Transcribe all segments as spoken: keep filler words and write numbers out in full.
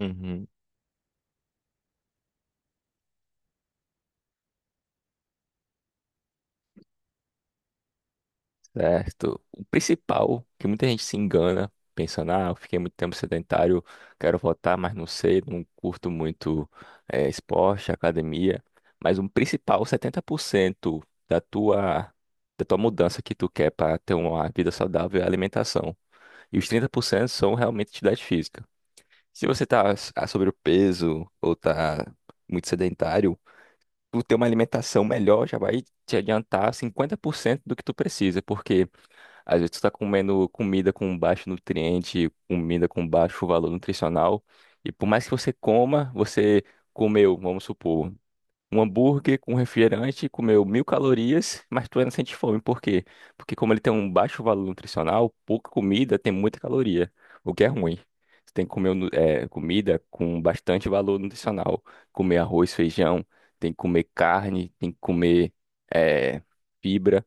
Uhum, certo. O principal que muita gente se engana pensando, ah, eu fiquei muito tempo sedentário, quero voltar, mas não sei, não curto muito eh, esporte, academia. Mas o principal, setenta por cento da tua, da tua mudança que tu quer para ter uma vida saudável é a alimentação. E os trinta por cento são realmente atividade física. Se você está s- ah, sobre o peso ou está muito sedentário, tu ter uma alimentação melhor já vai te adiantar cinquenta por cento do que tu precisa, porque às vezes tu tá comendo comida com baixo nutriente, comida com baixo valor nutricional, e por mais que você coma, você comeu, vamos supor, um hambúrguer com refrigerante, comeu mil calorias, mas tu ainda sente fome. Por quê? Porque como ele tem um baixo valor nutricional, pouca comida tem muita caloria, o que é ruim. Você tem que comer nu- eh, comida com bastante valor nutricional. Comer arroz, feijão, tem que comer carne, tem que comer eh, fibra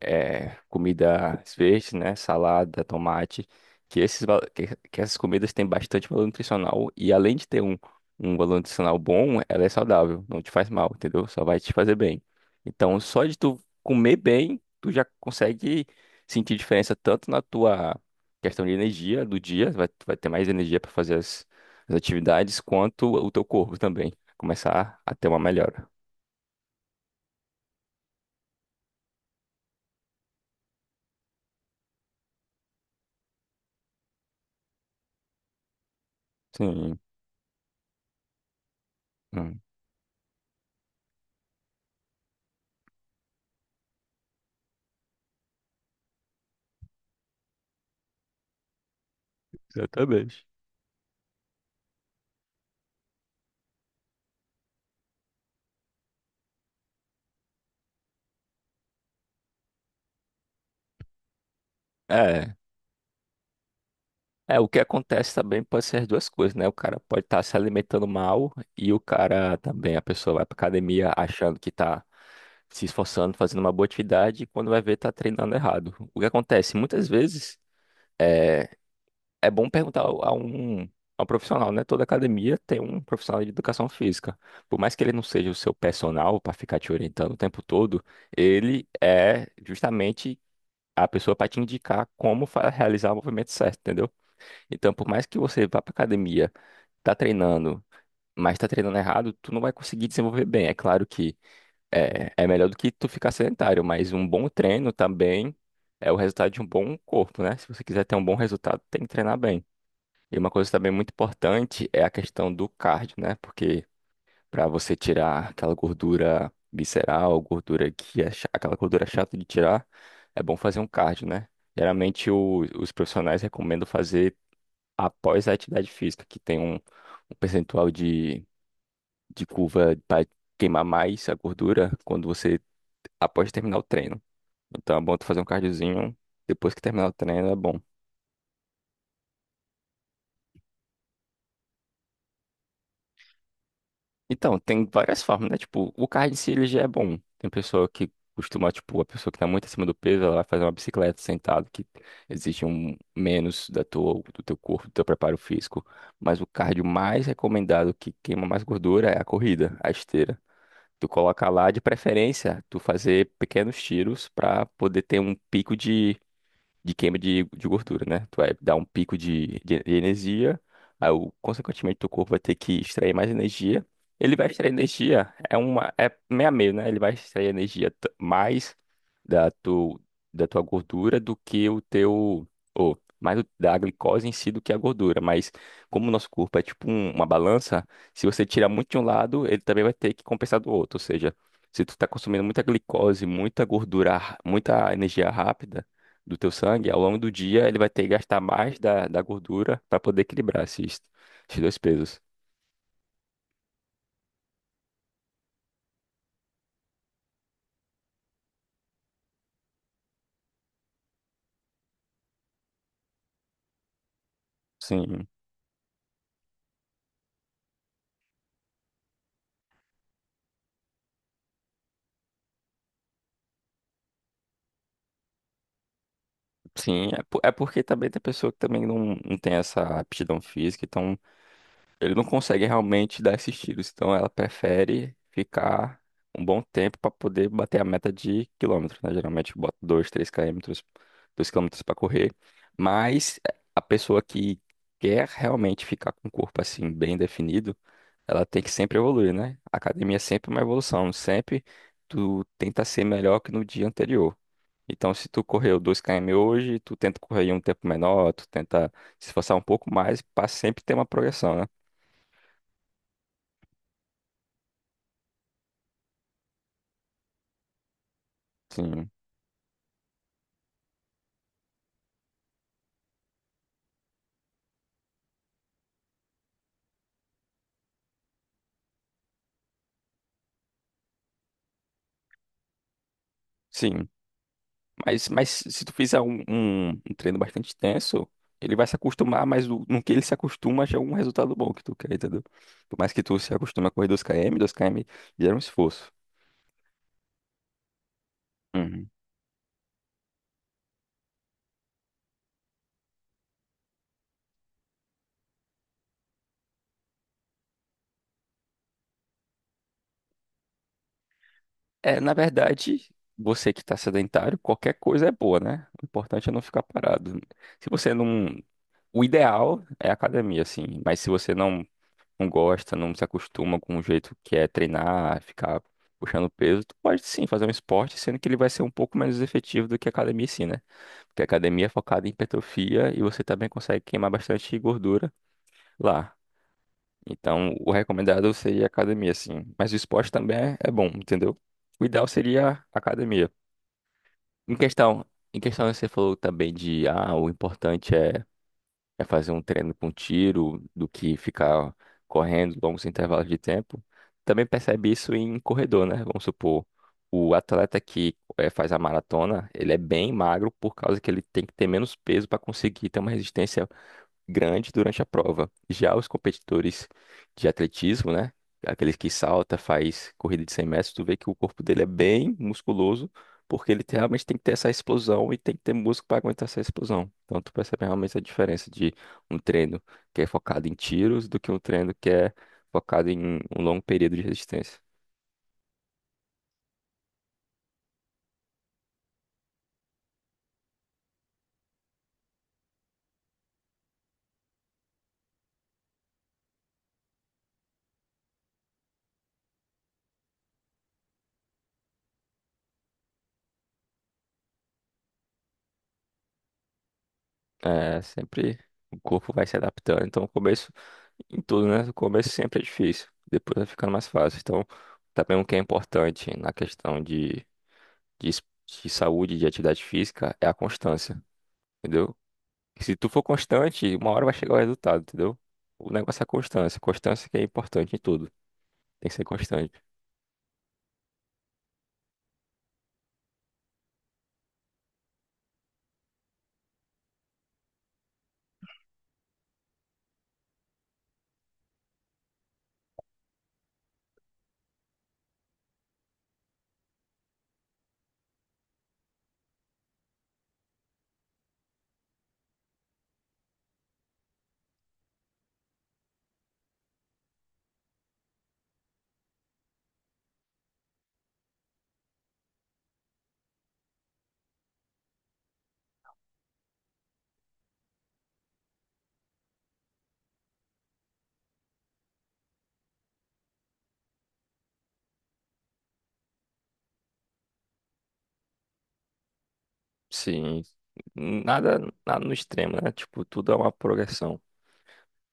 é, comida verde, né? Salada, tomate, que, esses, val- que, que essas comidas têm bastante valor nutricional e além de ter um, um valor nutricional bom, ela é saudável, não te faz mal, entendeu? Só vai te fazer bem. Então, só de tu comer bem, tu já consegue sentir diferença tanto na tua questão de energia do dia, vai, tu vai ter mais energia para fazer as, as atividades, quanto o teu corpo também começar a ter uma melhora. Sim, hum, exatamente. É. É, o que acontece também pode ser as duas coisas, né? O cara pode estar se alimentando mal e o cara também, a pessoa vai pra academia achando que tá se esforçando, fazendo uma boa atividade e quando vai ver tá treinando errado. O que acontece muitas vezes é, é bom perguntar ao- a um, a um profissional, né? Toda academia tem um profissional de educação física. Por mais que ele não seja o seu personal para ficar te orientando o tempo todo, ele é justamente a pessoa para te indicar como fa- realizar o movimento certo, entendeu? Então, por mais que você vá pra academia, tá treinando, mas tá treinando errado, tu não vai conseguir desenvolver bem. É claro que é, é melhor do que tu ficar sedentário, mas um bom treino também é o resultado de um bom corpo, né? Se você quiser ter um bom resultado, tem que treinar bem. E uma coisa também muito importante é a questão do cardio, né? Porque pra você tirar aquela gordura visceral, gordura que é cha- aquela gordura chata de tirar, é bom fazer um cardio, né? Geralmente o- os profissionais recomendam fazer após a atividade física, que tem um, um percentual de, de curva para queimar mais a gordura quando você após terminar o treino. Então é bom tu fazer um cardiozinho depois que terminar o treino, é bom. Então, tem várias formas, né? Tipo, o cardio em si ele já é bom. Tem pessoa que costuma, tipo, a pessoa que tá muito acima do peso, ela vai fazer uma bicicleta sentado, que exige um menos da tua, do teu corpo, do teu preparo físico. Mas o cardio mais recomendado que queima mais gordura é a corrida, a esteira. Tu coloca lá de preferência, tu fazer pequenos tiros para poder ter um pico de, de queima de, de gordura, né? Tu vai dar um pico de, de energia, aí, o- consequentemente, teu corpo vai ter que extrair mais energia. Ele vai extrair energia, é uma, é meio a meio, né? Ele vai extrair energia t- mais da, tu, da tua gordura do que o teu, ou mais o- da glicose em si do que a gordura. Mas como o nosso corpo é tipo um- uma balança, se você tirar muito de um lado, ele também vai ter que compensar do outro. Ou seja, se tu tá consumindo muita glicose, muita gordura, ra- muita energia rápida, do teu sangue, ao longo do dia ele vai ter que gastar mais da, da gordura para poder equilibrar esses, esses dois pesos. Sim, sim, é, po- é porque também tem pessoa que também não, não tem essa aptidão física, então ele não consegue realmente dar esses tiros, então ela prefere ficar um bom tempo para poder bater a meta de quilômetros, né? Geralmente bota dois três quilômetros, dois quilômetros para correr, mas a pessoa que quer realmente ficar com o corpo assim bem definido, ela tem que sempre evoluir, né? A academia é sempre uma evolução. Sempre tu tenta ser melhor que no dia anterior. Então, se tu correu dois quilômetros hoje, tu tenta correr em um tempo menor, tu tenta se esforçar um pouco mais para sempre ter uma progressão, né? Sim, sim. Mas, mas se tu fizer um, um- um treino bastante intenso, ele vai se acostumar, mas o- no que ele se acostuma já é um resultado bom que tu quer, entendeu? Por mais que tu se acostume a correr dois quilômetros, dois quilômetros gera um esforço. Uhum. É, na verdade, você que está sedentário, qualquer coisa é boa, né? O importante é não ficar parado. Se você não. O ideal é a academia, assim. Mas se você não, não gosta, não se acostuma com o jeito que é treinar, ficar puxando peso, tu pode sim fazer um esporte, sendo que ele vai ser um pouco menos efetivo do que a academia, sim, né? Porque a academia é focada em hipertrofia e você também consegue queimar bastante gordura lá. Então, o recomendado seria a academia, sim. Mas o esporte também é é bom, entendeu? O ideal seria a academia. Em questão, em questão você falou também de ah, o importante é, é fazer um treino com tiro do que ficar correndo longos intervalos de tempo. Também percebe isso em corredor, né? Vamos supor, o atleta que eh, faz a maratona, ele é bem magro por causa que ele tem que ter menos peso para conseguir ter uma resistência grande durante a prova. Já os competidores de atletismo, né? Aqueles que salta, faz corrida de cem metros, tu vê que o corpo dele é bem musculoso, porque ele tem- realmente tem que ter essa explosão e tem que ter músculo para aguentar essa explosão. Então tu percebe realmente a diferença de um treino que é focado em tiros do que um treino que é focado em um longo período de resistência. É, sempre o corpo vai se adaptando. Então, o começo, em tudo, né? O começo sempre é difícil, depois vai ficando mais fácil. Então, também o que é importante na questão de, de, es- de saúde, de atividade física, é a constância, entendeu? Se tu for constante, uma hora vai chegar o resultado, entendeu? O negócio é a constância. Constância que é importante em tudo. Tem que ser constante. Sim. Nada, nada no extremo, né? Tipo, tudo é uma progressão.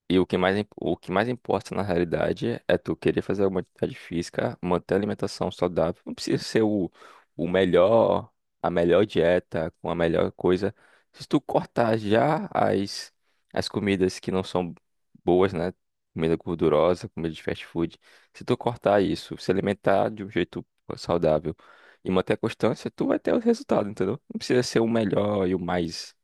E o que mais, im- o que mais importa na realidade é tu querer fazer alguma atividade física, manter a alimentação saudável. Não precisa ser o, o melhor, a melhor dieta, com a melhor coisa. Se tu cortar já as, as comidas que não são boas, né? Comida gordurosa, comida de fast food. Se tu cortar isso, se alimentar de um jeito saudável e manter a constância, tu vai ter o resultado, entendeu? Não precisa ser o melhor e o mais.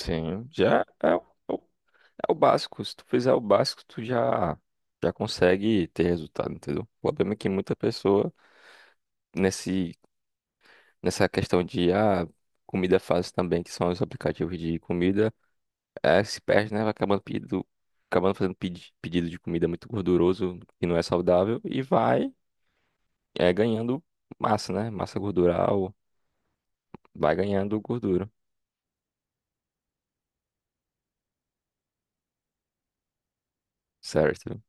Sim, já é. É o básico. Se tu fizer o básico, tu já, já consegue ter resultado, entendeu? O problema é que muita pessoa, nesse, nessa questão de ah, comida fácil também, que são os aplicativos de comida, é, se perde, né? Vai acabando pedido, acabando fazendo pedi- pedido de comida muito gorduroso, que não é saudável, e vai é, ganhando massa, né? Massa gordural, vai ganhando gordura, certo?